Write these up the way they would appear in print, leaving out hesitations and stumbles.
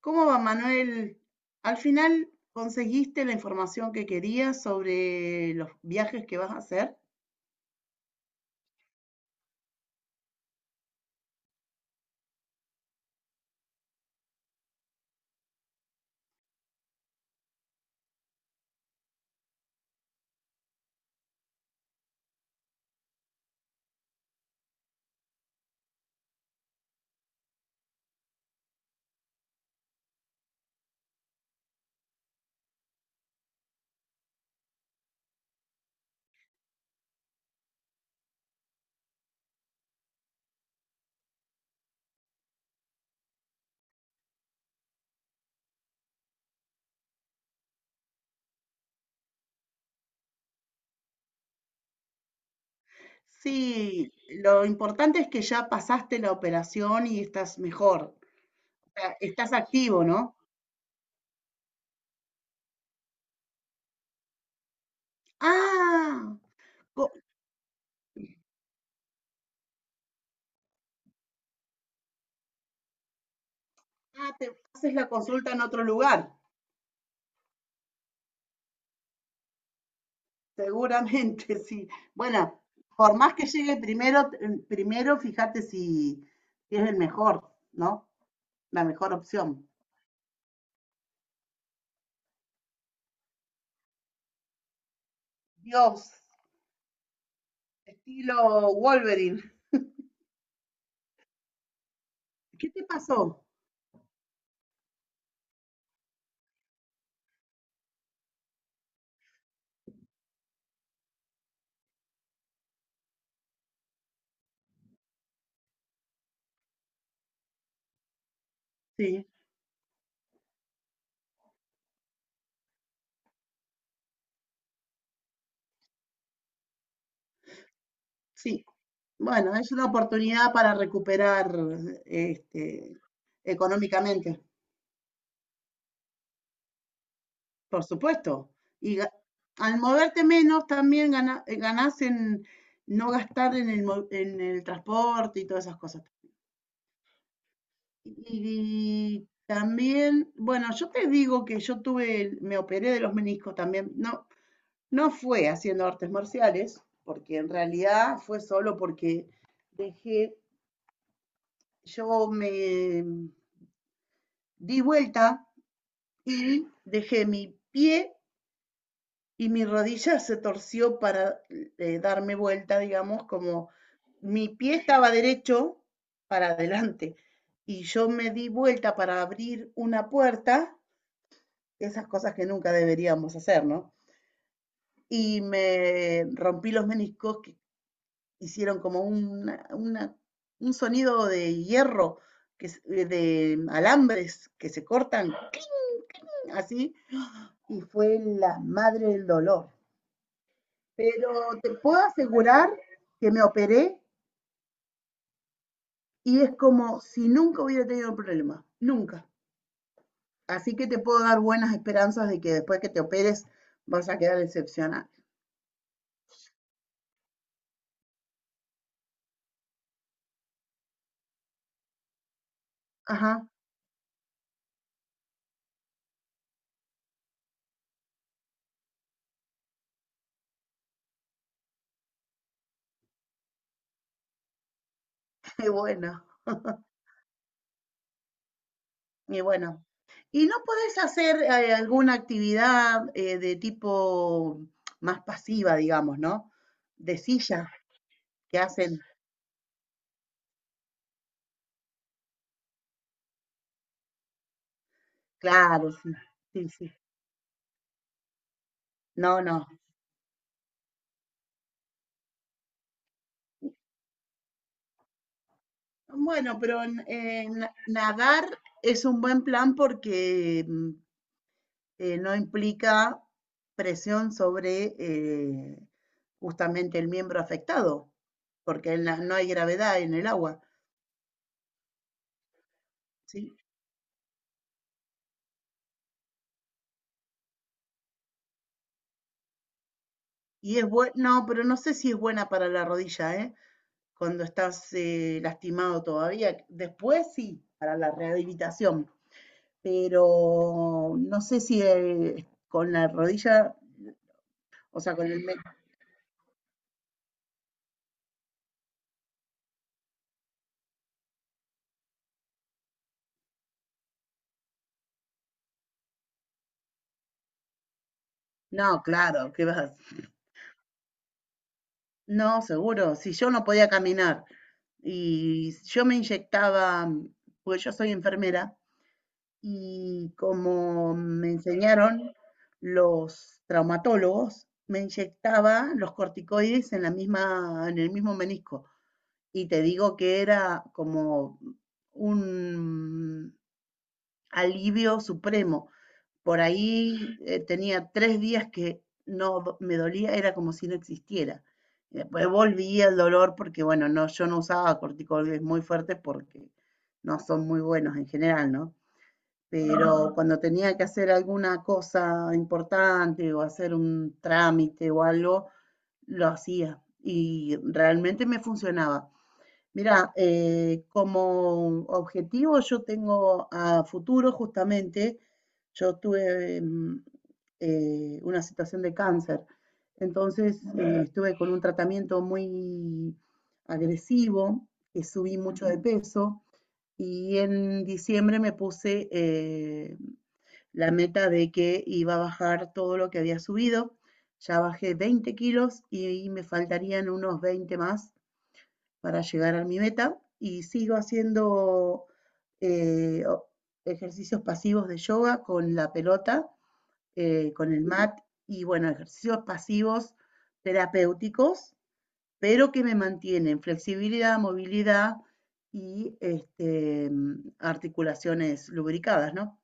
¿Cómo va, Manuel? Al final conseguiste la información que querías sobre los viajes que vas a hacer. Sí, lo importante es que ya pasaste la operación y estás mejor. O sea, estás activo, ¿no? Ah, co- te haces la consulta en otro lugar. Seguramente, sí. Bueno, por más que llegue primero fíjate si es el mejor, ¿no? La mejor opción. Dios, estilo Wolverine. ¿Qué te pasó? Sí, sí. Bueno, es una oportunidad para recuperar este, económicamente, por supuesto. Y ga- al moverte menos también ganás en no gastar en en el transporte y todas esas cosas. Y también, bueno, yo te digo que me operé de los meniscos también. No, no fue haciendo artes marciales, porque en realidad fue solo porque dejé yo me di vuelta, dejé mi pie y mi rodilla se torció para darme vuelta, digamos, como mi pie estaba derecho para adelante y yo me di vuelta para abrir una puerta, esas cosas que nunca deberíamos hacer, ¿no? Y me rompí los meniscos que hicieron como un sonido de hierro, que, de alambres que se cortan así, y fue la madre del dolor. Pero te puedo asegurar que me operé y es como si nunca hubiera tenido un problema, nunca. Así que te puedo dar buenas esperanzas de que después que te operes vas a quedar excepcional. Ajá, y bueno, y bueno. ¿Y no podés hacer alguna actividad de tipo más pasiva, digamos? ¿No? De silla que hacen, claro, sí, sí, sí. No, no. Bueno, pero nadar es un buen plan porque no implica presión sobre justamente el miembro afectado, porque no hay gravedad en el agua, ¿sí? Y es bueno, no, pero no sé si es buena para la rodilla, ¿eh? Cuando estás lastimado todavía. Después sí, para la rehabilitación, pero no sé si con la rodilla, o sea, No, claro, ¿qué vas a No, seguro. Si yo no podía caminar y yo me inyectaba, pues yo soy enfermera, y como me enseñaron los traumatólogos, me inyectaba los corticoides en el mismo menisco. Y te digo que era como un alivio supremo por ahí tenía 3 días que no me dolía, era como si no existiera. Y después volvía el dolor porque, bueno, no, yo no usaba corticoides muy fuertes porque no son muy buenos en general, ¿no? Pero cuando tenía que hacer alguna cosa importante o hacer un trámite o algo, lo hacía y realmente me funcionaba. Mira, como objetivo yo tengo a futuro justamente, yo tuve una situación de cáncer, entonces estuve con un tratamiento muy agresivo, que subí mucho de peso y en diciembre me puse la meta de que iba a bajar todo lo que había subido, ya bajé 20 kilos y me faltarían unos 20 más para llegar a mi meta y sigo haciendo eh, ejercicios pasivos de yoga con la pelota, con el mat y bueno, ejercicios pasivos terapéuticos, pero que me mantienen flexibilidad, movilidad y articulaciones lubricadas, ¿no?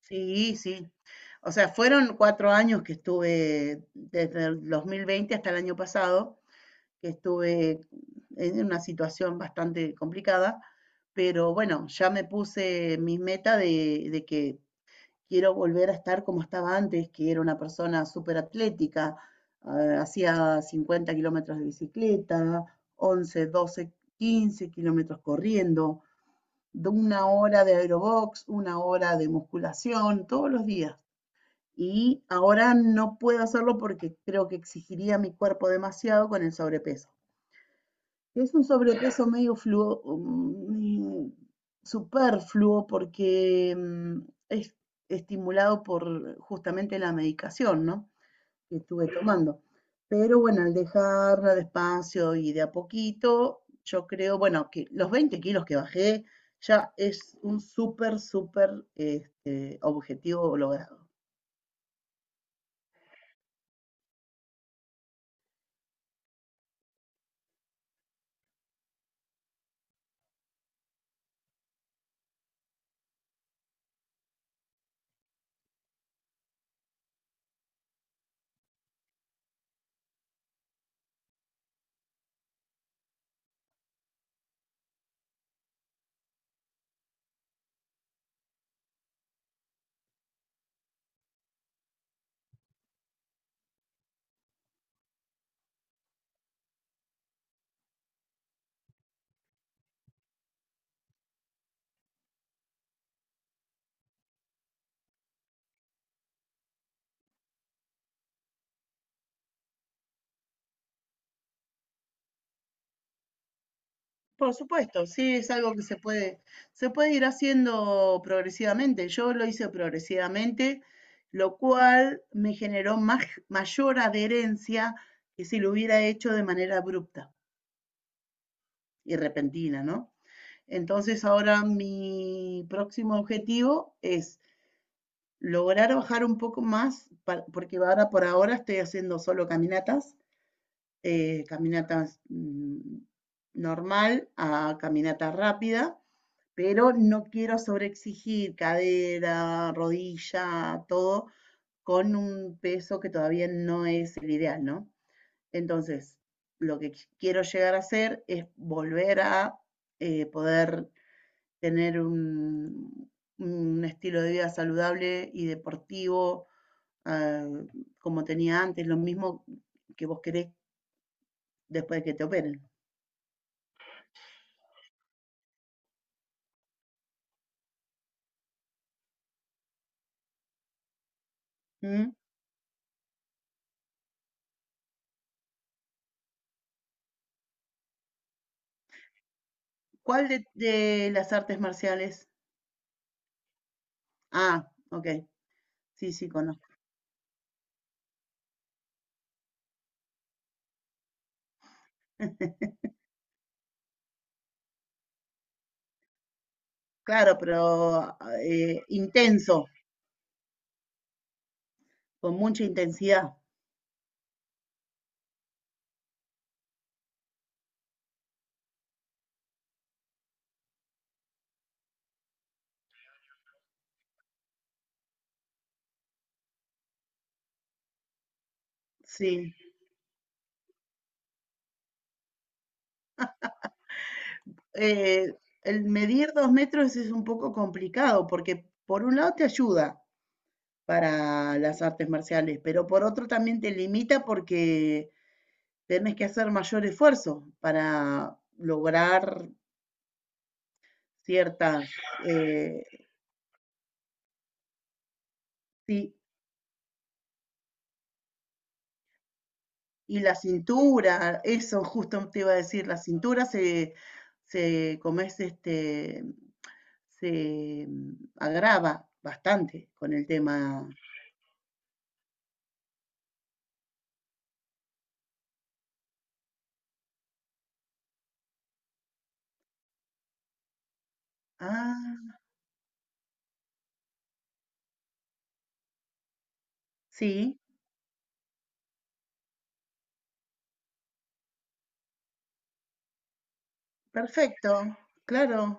Sí, sí. O sea, fueron 4 años que estuve desde el 2020 hasta el año pasado que estuve en una situación bastante complicada, pero bueno, ya me puse mi meta de que quiero volver a estar como estaba antes, que era una persona súper atlética, ah, hacía 50 kilómetros de bicicleta, 11, 12, 15 kilómetros corriendo, de una hora de aerobox, una hora de musculación, todos los días. Y ahora no puedo hacerlo porque creo que exigiría a mi cuerpo demasiado con el sobrepeso. Es un sobrepeso medio fluo, superfluo porque es estimulado por justamente la medicación, ¿no? Que estuve tomando. Pero bueno, al dejarla despacio y de a poquito, yo creo, bueno, que los 20 kilos que bajé ya es un súper, súper objetivo logrado. Por supuesto, sí, es algo que se puede ir haciendo progresivamente. Yo lo hice progresivamente, lo cual me generó más, mayor adherencia que si lo hubiera hecho de manera abrupta y repentina, ¿no? Entonces ahora mi próximo objetivo es lograr bajar un poco más, porque ahora por ahora estoy haciendo solo caminatas, eh, caminatas mm, normal a caminata rápida pero no quiero sobreexigir cadera, rodilla, todo, con un peso que todavía no es el ideal, ¿no? Entonces, lo que quiero llegar a hacer es volver a poder tener un estilo de vida saludable y deportivo ah, como tenía antes, lo mismo que vos querés después de que te operen. ¿Mm? ¿Cuál de las artes marciales? Ah, ok, sí, sí, conozco. Claro, pero intenso, con mucha intensidad, sí. Eh, el medir 2 metros es un poco complicado porque por un lado te ayuda para las artes marciales, pero por otro también te limita porque tenés que hacer mayor esfuerzo para lograr ciertas, eh, sí, y la cintura, eso justo te iba a decir, la cintura se, se, como es este, se mm, agrava bastante con el tema. Ah, sí, perfecto, claro.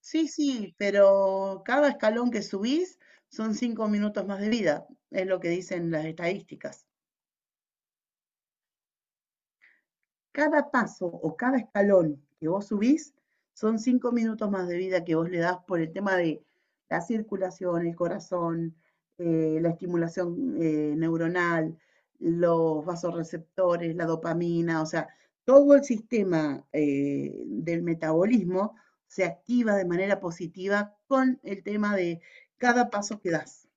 Sí, sí, pero cada escalón que subís son 5 minutos más de vida, es lo que dicen las estadísticas. Cada paso o cada escalón que vos subís son 5 minutos más de vida que vos le das por el tema de la circulación, el corazón, la estimulación neuronal, los vasoreceptores, la dopamina, o sea, todo el sistema del metabolismo se activa de manera positiva con el tema de cada paso que das.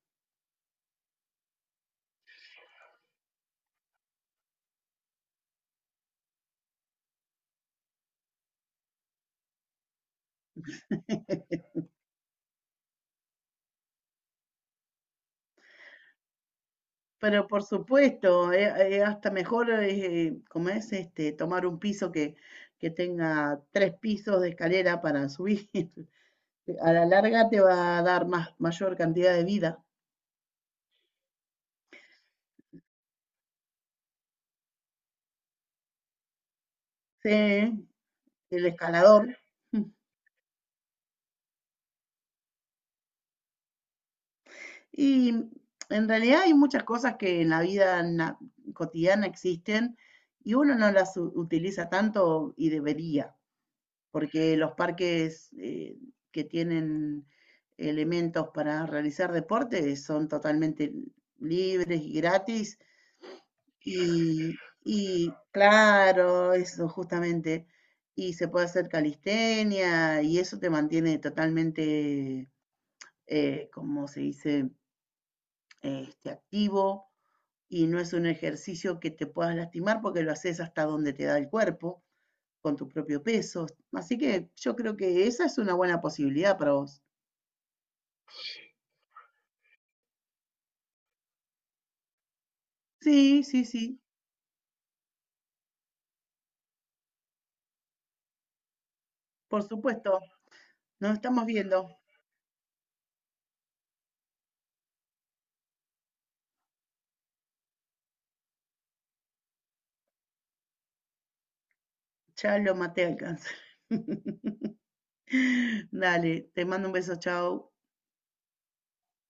Pero por supuesto, es hasta mejor, como es, tomar un piso que, tenga tres pisos de escalera para subir. A la larga te va a dar más, mayor cantidad de vida. Sí, el escalador. Y en realidad hay muchas cosas que en la vida cotidiana existen y uno no las utiliza tanto y debería. Porque los parques que tienen elementos para realizar deporte son totalmente libres y gratis. Y, y claro, eso justamente. Y se puede hacer calistenia y eso te mantiene totalmente, como se dice, activo y no es un ejercicio que te puedas lastimar porque lo haces hasta donde te da el cuerpo con tu propio peso. Así que yo creo que esa es una buena posibilidad para vos. Sí, sí, sí, por supuesto. Nos estamos viendo. Ya lo maté al cáncer. Dale, te mando un beso, chao.